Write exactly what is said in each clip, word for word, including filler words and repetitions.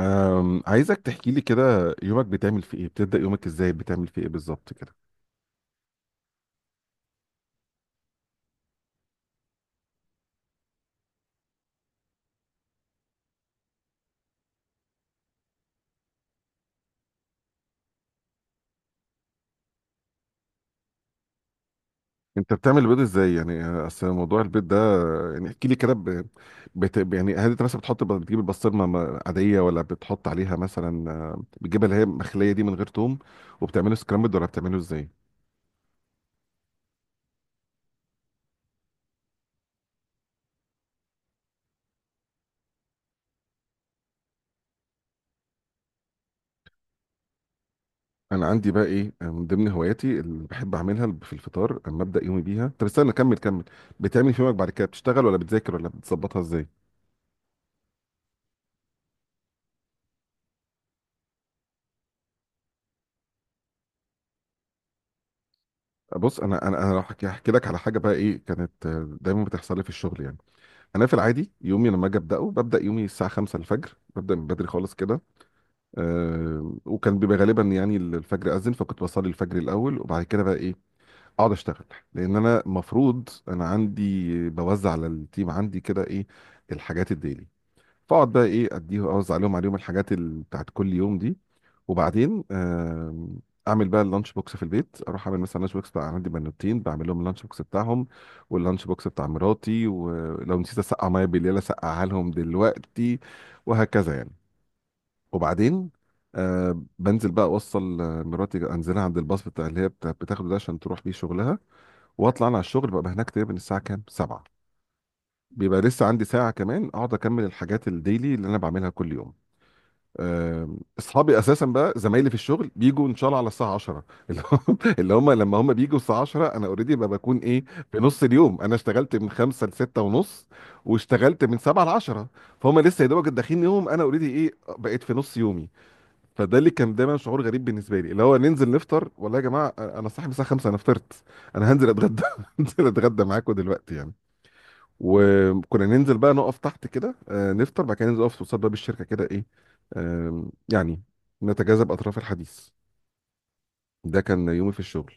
أم، عايزك تحكي لي كده يومك بتعمل فيه ايه، بتبدأ يومك ازاي، بتعمل فيه ايه بالظبط كده؟ انت بتعمل البيض ازاي يعني؟ اصل موضوع البيض ده يعني احكي لي كده ب... بت... يعني هل انت مثلا بتحط بتجيب البسطرمه م- عاديه ولا بتحط عليها مثلا آه، بتجيبها اللي هي مخليه دي من غير توم، وبتعمله سكرامبل ولا بتعمله ازاي؟ انا عندي بقى ايه آه، من ضمن هواياتي اللي بحب اعملها في الفطار اما ابدا يومي بيها. طب استنى كمل كمل. بتعمل في يومك بعد كده بتشتغل ولا بتذاكر ولا بتظبطها ازاي؟ بص انا انا انا لو هحكي هحكي لك على حاجه بقى ايه كانت آه، دايما بتحصل لي في الشغل يعني. انا في العادي يومي لما اجي ابداه ببدا يومي الساعه خمسة الفجر، ببدا من بدري خالص كده. أه، وكان بيبقى غالبا يعني الفجر اذن، فكنت بصلي الفجر الاول، وبعد كده بقى ايه اقعد اشتغل، لان انا مفروض انا عندي بوزع على التيم عندي كده ايه الحاجات الديلي. فاقعد بقى ايه اديه اوزع عليهم عليهم الحاجات ال- بتاعت كل يوم دي. وبعدين آم، اعمل بقى اللانش بوكس في البيت، اروح اعمل مثلا لانش بوكس، بقى عندي بنوتين بعمل لهم اللانش بوكس بتاعهم، واللانش بوكس بتاع مراتي، ولو نسيت اسقع ميه بالليل اسقعها لهم دلوقتي، وهكذا يعني. وبعدين آه، بنزل بقى اوصل آه، مراتي، انزلها عند الباص بتاع اللي هي بتا- بتاخده ده عشان تروح بيه شغلها. واطلع انا على الشغل، ببقى هناك تقريبا الساعه كام؟ سبعة. بيبقى لسه عندي ساعه كمان اقعد اكمل الحاجات الديلي اللي انا بعملها كل يوم. آم، اصحابي اساسا بقى زمايلي في الشغل بيجوا ان شاء الله على الساعه عشرة. اللي هم اللي هم لما هم بيجوا الساعه عشرة انا اوريدي بكون ايه؟ في نص اليوم، انا اشتغلت من خمسة ل ستة ونص، واشتغلت من سبعة ل عشرة، فهم لسه يا دوبك داخلين يوم، انا اوريدي ايه بقيت في نص يومي. فده اللي كان دايما شعور غريب بالنسبه لي، اللي هو ننزل نفطر، والله يا جماعه انا صاحي من الساعه خمسة، انا فطرت، انا هنزل اتغدى هنزل اتغدى معاكم دلوقتي يعني. وكنا ننزل بقى نقف تحت كده آه، نفطر، بعد كده ننزل نقف قصاد باب الشركه كده ايه آم، يعني نتجاذب اطراف الحديث. ده كان يومي في الشغل.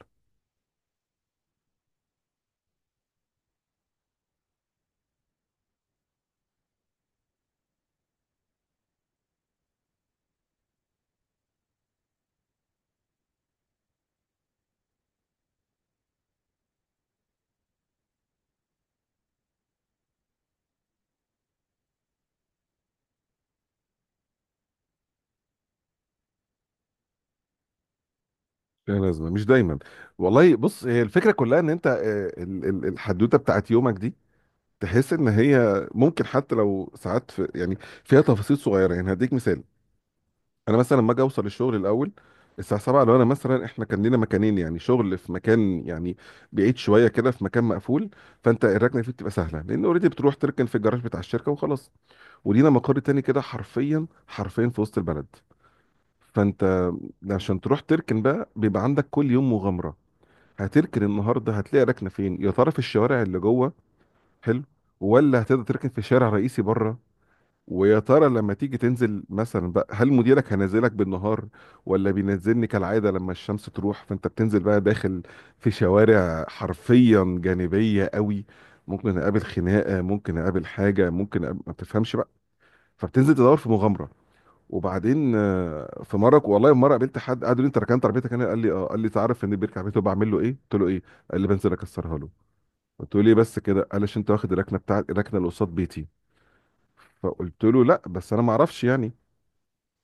لا لازمه مش دايما. والله بص، هي الفكره كلها ان انت آه، ال- ال- الحدوته بتاعت يومك دي، تحس ان هي ممكن حتى لو ساعات في يعني فيها تفاصيل صغيره يعني. هديك مثال، انا مثلا لما اجي اوصل الشغل الاول الساعه سبعة، لو انا مثلا احنا كان لنا مكانين يعني، شغل في مكان يعني بعيد شويه كده في مكان مقفول، فانت الركنه فيه بتبقى سهله لان اوريدي بتروح تركن في الجراج بتاع الشركه وخلاص. ولينا مقر تاني كده حرفيا حرفيا في وسط البلد، فانت عشان تروح تركن بقى بيبقى عندك كل يوم مغامره. هتركن النهارده هتلاقي ركنه فين يا ترى؟ في الشوارع اللي جوه حلو، ولا هتقدر تركن في شارع رئيسي بره؟ ويا ترى لما تيجي تنزل مثلا بقى، هل مديرك هنزلك بالنهار ولا بينزلني كالعادة لما الشمس تروح؟ فانت بتنزل بقى داخل في شوارع حرفيا جانبية قوي، ممكن اقابل خناقة، ممكن اقابل حاجة، ممكن أقابل ما بتفهمش بقى. فبتنزل تدور في مغامرة. وبعدين آه، في مرة والله، مرة قابلت حد قعد يقول لي: انت ركنت عربيتك هنا؟ قال لي: اه. قال لي: تعرف ان بيركب عربيته بعمل له ايه؟ قلت له: ايه؟ قال لي: بنزل اكسرها له. قلت له: ليه بس كده؟ قال لي: عشان انت واخد الركنه بتاعت الركنه اللي قصاد بيتي. فقلت له: لا بس انا ما اعرفش يعني،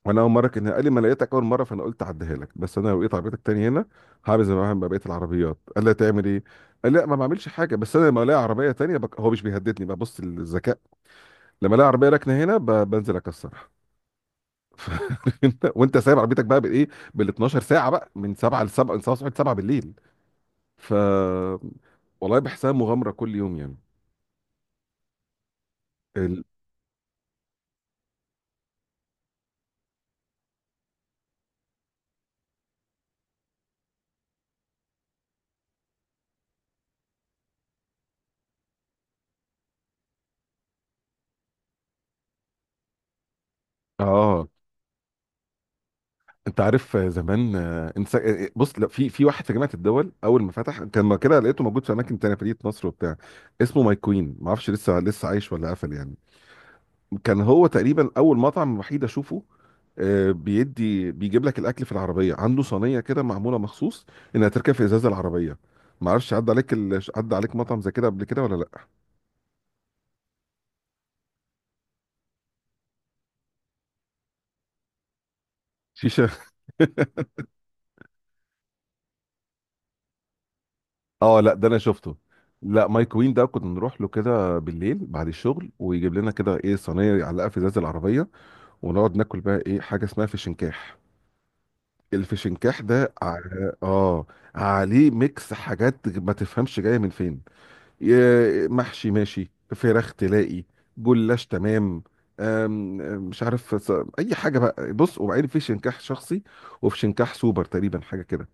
وانا اول مره. كان قال لي: ما لقيتك اول مره فانا قلت اعديها لك، بس انا لو لقيت عربيتك تاني هنا هعمل زي ما بعمل مع بقيه العربيات. قال لي: تعمل ايه؟ قال لي: لا ما بعملش حاجه، بس انا لما الاقي عربيه تانيه بك... هو مش بيهددني، ببص الذكاء، لما الاقي عربيه راكنه هنا ب... بنزل اكسرها. وانت سايب عربيتك بقى بالايه؟ بال اتناشر ساعه بقى، من سبعة ل سبعة، من سبعة ل سبعة بالليل. ف والله بحسها مغامره كل يوم يعني. ال... اه، انت عارف آه، زمان آه، انت آه، بص، لا في في واحد في جامعه الدول، اول ما فتح كان ما كده، لقيته موجود في اماكن تانية، في مدينه نصر وبتاع، اسمه ماي كوين، ما اعرفش لسه لسه عايش ولا قفل يعني. كان هو تقريبا اول مطعم وحيد اشوفه آه، بيدي بيجيب لك الاكل في العربيه، عنده صينيه كده معموله مخصوص انها تركب في ازاز العربيه. ما اعرفش عدى عليك ال... عدى عليك مطعم زي كده قبل كده ولا لا؟ شيشه اه لا ده انا شفته. لا، مايك وين ده كنا نروح له كده بالليل بعد الشغل، ويجيب لنا كده ايه صينيه يعلقها في ازاز العربيه، ونقعد ناكل بقى ايه حاجه اسمها فشنكاح. الفشنكاح ده ع- اه عليه ميكس حاجات ما تفهمش جايه من فين، ي- محشي ماشي، فراخ تلاقي، جلاش، تمام، أم- مش عارف ص- اي حاجه بقى، بص. وبعدين في شنكاح شخصي، وفي شنكاح سوبر تقريبا حاجه كده،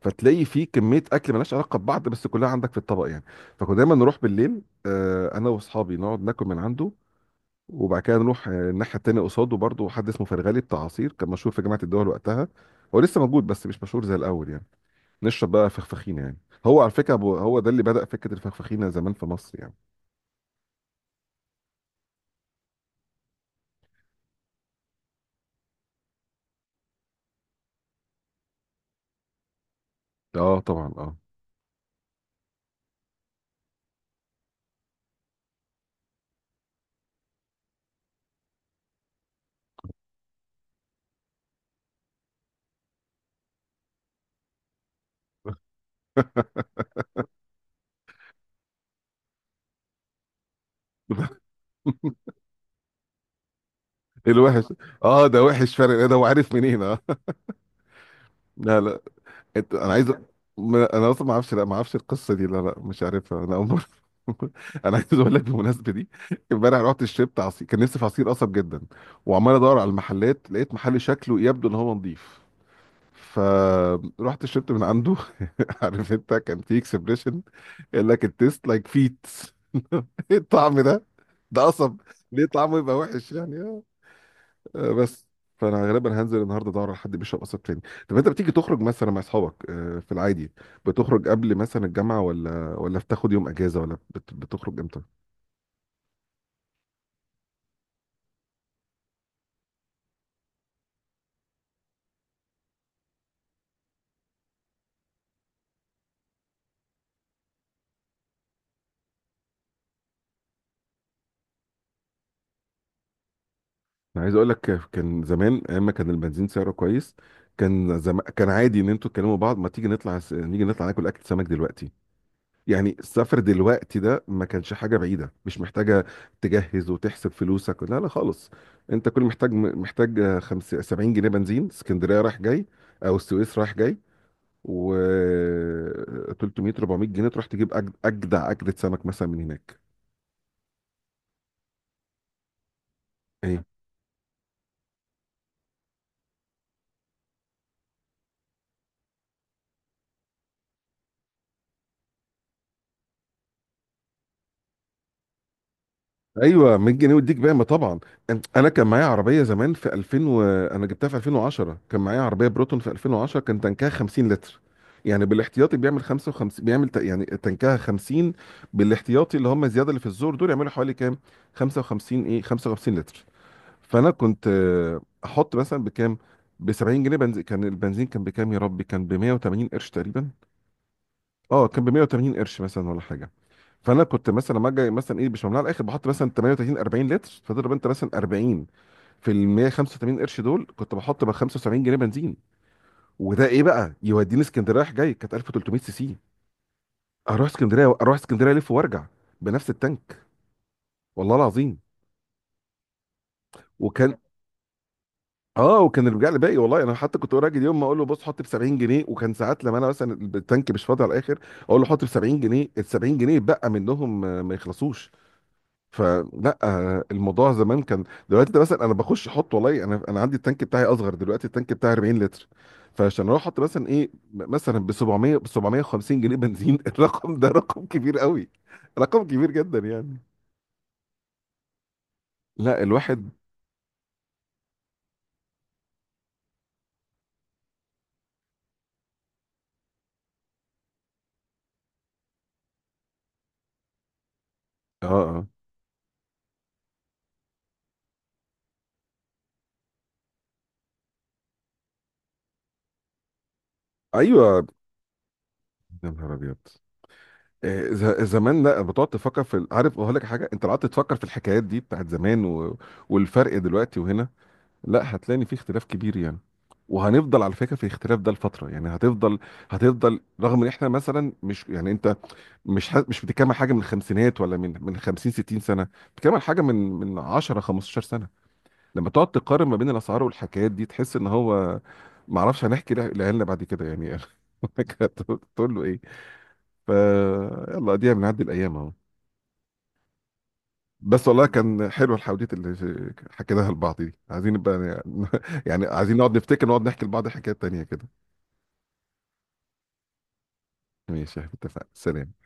فتلاقي فيه كميه اكل ملهاش علاقه ببعض بس كلها عندك في الطبق يعني. فكنا دايما نروح بالليل آه، انا واصحابي نقعد ناكل من عنده، وبعد كده نروح آه، الناحيه التانيه قصاده برضه حد اسمه فرغالي بتاع عصير، كان مشهور في جامعه الدول وقتها، هو لسه موجود بس مش مشهور زي الاول يعني. نشرب بقى فخفخينه يعني. هو على فكره أبو- هو ده اللي بدأ فكره الفخفخينه زمان في مصر يعني. اه طبعا اه. الوحش، اه ده وحش فرق إيه ده، وعارف منين اه لا لا. انت انا عايز ما- انا اصلا ما اعرفش، لا ما اعرفش القصه دي، لا لا مش عارفها، انا اول مره. انا عايز اقول لك بالمناسبه دي، امبارح رحت شربت عصير، كان نفسي في عصير قصب جدا، وعمال ادور على المحلات، لقيت محل شكله يبدو ان هو نظيف، فرحت شربت من عنده. عارف انت كان في اكسبريشن قال لك: التيست لايك فيت. الطعم ده، ده قصب، ليه طعمه يبقى وحش يعني؟ آه، بس فانا غالبا هنزل النهارده ادور على حد بيشرب قصب تاني. طب انت بتيجي تخرج مثلا مع اصحابك آه، في العادي، بتخرج قبل مثلا الجامعه ولا ولا بتاخد يوم اجازه ولا بت- بتخرج امتى؟ انا عايز اقول لك آه، كان زمان ايام ما كان البنزين سعره كويس، كان زم... كان عادي ان انتوا تكلموا بعض: ما تيجي نطلع س... نيجي نطلع ناكل اكل سمك دلوقتي. يعني السفر دلوقتي ده ما كانش حاجه بعيده، مش محتاجه تجهز وتحسب فلوسك، لا لا خالص. انت كل محتاج محتاج آه، خمس... سبعين جنيه بنزين، اسكندريه رايح جاي او السويس رايح جاي، و تلتمية اربعمية جنيه تروح تجيب أج- اجدع اجدة سمك مثلا من هناك. ايه؟ ايوه، مية جنيه وديك بقى طبعا. أن- انا كان معايا عربيه زمان في الفين و... انا جبتها في ألفين وعشرة، كان معايا عربيه بروتون، في ألفين وعشرة كان تنكها خمسين لتر، يعني بالاحتياطي بيعمل خمسة وخمسين بيعمل ت- يعني تنكها خمسين بالاحتياطي، اللي هم الزياده اللي في الزور دول يعملوا حوالي كام؟ خمسة وخمسين. ايه، خمسة وخمسين لتر. فانا كنت آه، احط مثلا بكام؟ ب سبعين جنيه بنزين. كان البنزين كان بكام يا ربي؟ كان ب مية وتمانين قرش تقريبا. اه كان ب مية وتمانين قرش مثلا ولا حاجه. فانا كنت مثلا لما اجي مثلا ايه، مش ممنوع على الاخر، بحط مثلا ثمانية وثلاثين اربعين لتر، فتضرب انت مثلا اربعين في ال مية وخمسة وتمانين قرش دول، كنت بحط بقى خمسة وسبعين جنيه بنزين. وده ايه بقى يوديني اسكندريه رايح جاي. كانت الف وتلتمية سي سي، اروح اسكندريه، اروح اسكندريه الف وارجع بنفس التانك، والله العظيم. وكان اه، وكان الرجاع لي باقي، والله انا حتى كنت راجل يوم ما اقول له: بص حط ب سبعين جنيه، وكان ساعات لما انا مثلا التانك مش فاضي على الاخر اقول له حط ب سبعين جنيه، ال سبعين جنيه بقى منهم آه، ما يخلصوش. فلا آه، الموضوع زمان كان، دلوقتي ده مثلا انا بخش احط، والله انا انا عندي التانك بتاعي اصغر دلوقتي، التانك بتاعي اربعين لتر، فعشان اروح احط مثلا ايه م- مثلا ب سبعمائة ب سبعمية وخمسين جنيه بنزين. الرقم ده رقم كبير قوي، رقم كبير جدا يعني. لا الواحد اه اه ايوه يا نهار ابيض. آه، ز- زمان لا بتقعد تفكر في ال- عارف اقول لك حاجه؟ انت لو قعدت تفكر في الحكايات دي بتاعت زمان و... والفرق دلوقتي وهنا، لا هتلاقي إن في اختلاف كبير يعني. وهنفضل على فكره في الاختلاف ده لفتره يعني، هتفضل هتفضل رغم ان احنا مثلا مش، يعني انت مش ح- مش بتتكلم عن حاجه من الخمسينات ولا من من خمسين ستين سنه، بتتكلم عن حاجه من من عشرة خمستاشر سنه. لما تقعد تقارن ما بين الاسعار والحكايات دي تحس ان هو، ما اعرفش هنحكي لع- لعيالنا بعد كده يعني. تقول له ايه؟ فيلا دي بنعدي الايام اهو. بس والله كان حلو الحواديت اللي ش- حكيناها لبعض دي، عايزين نبقى يعني عايزين نقعد نفتكر، نقعد نحكي لبعض حكايات تانية كده. ماشي، اتفقنا، سلام.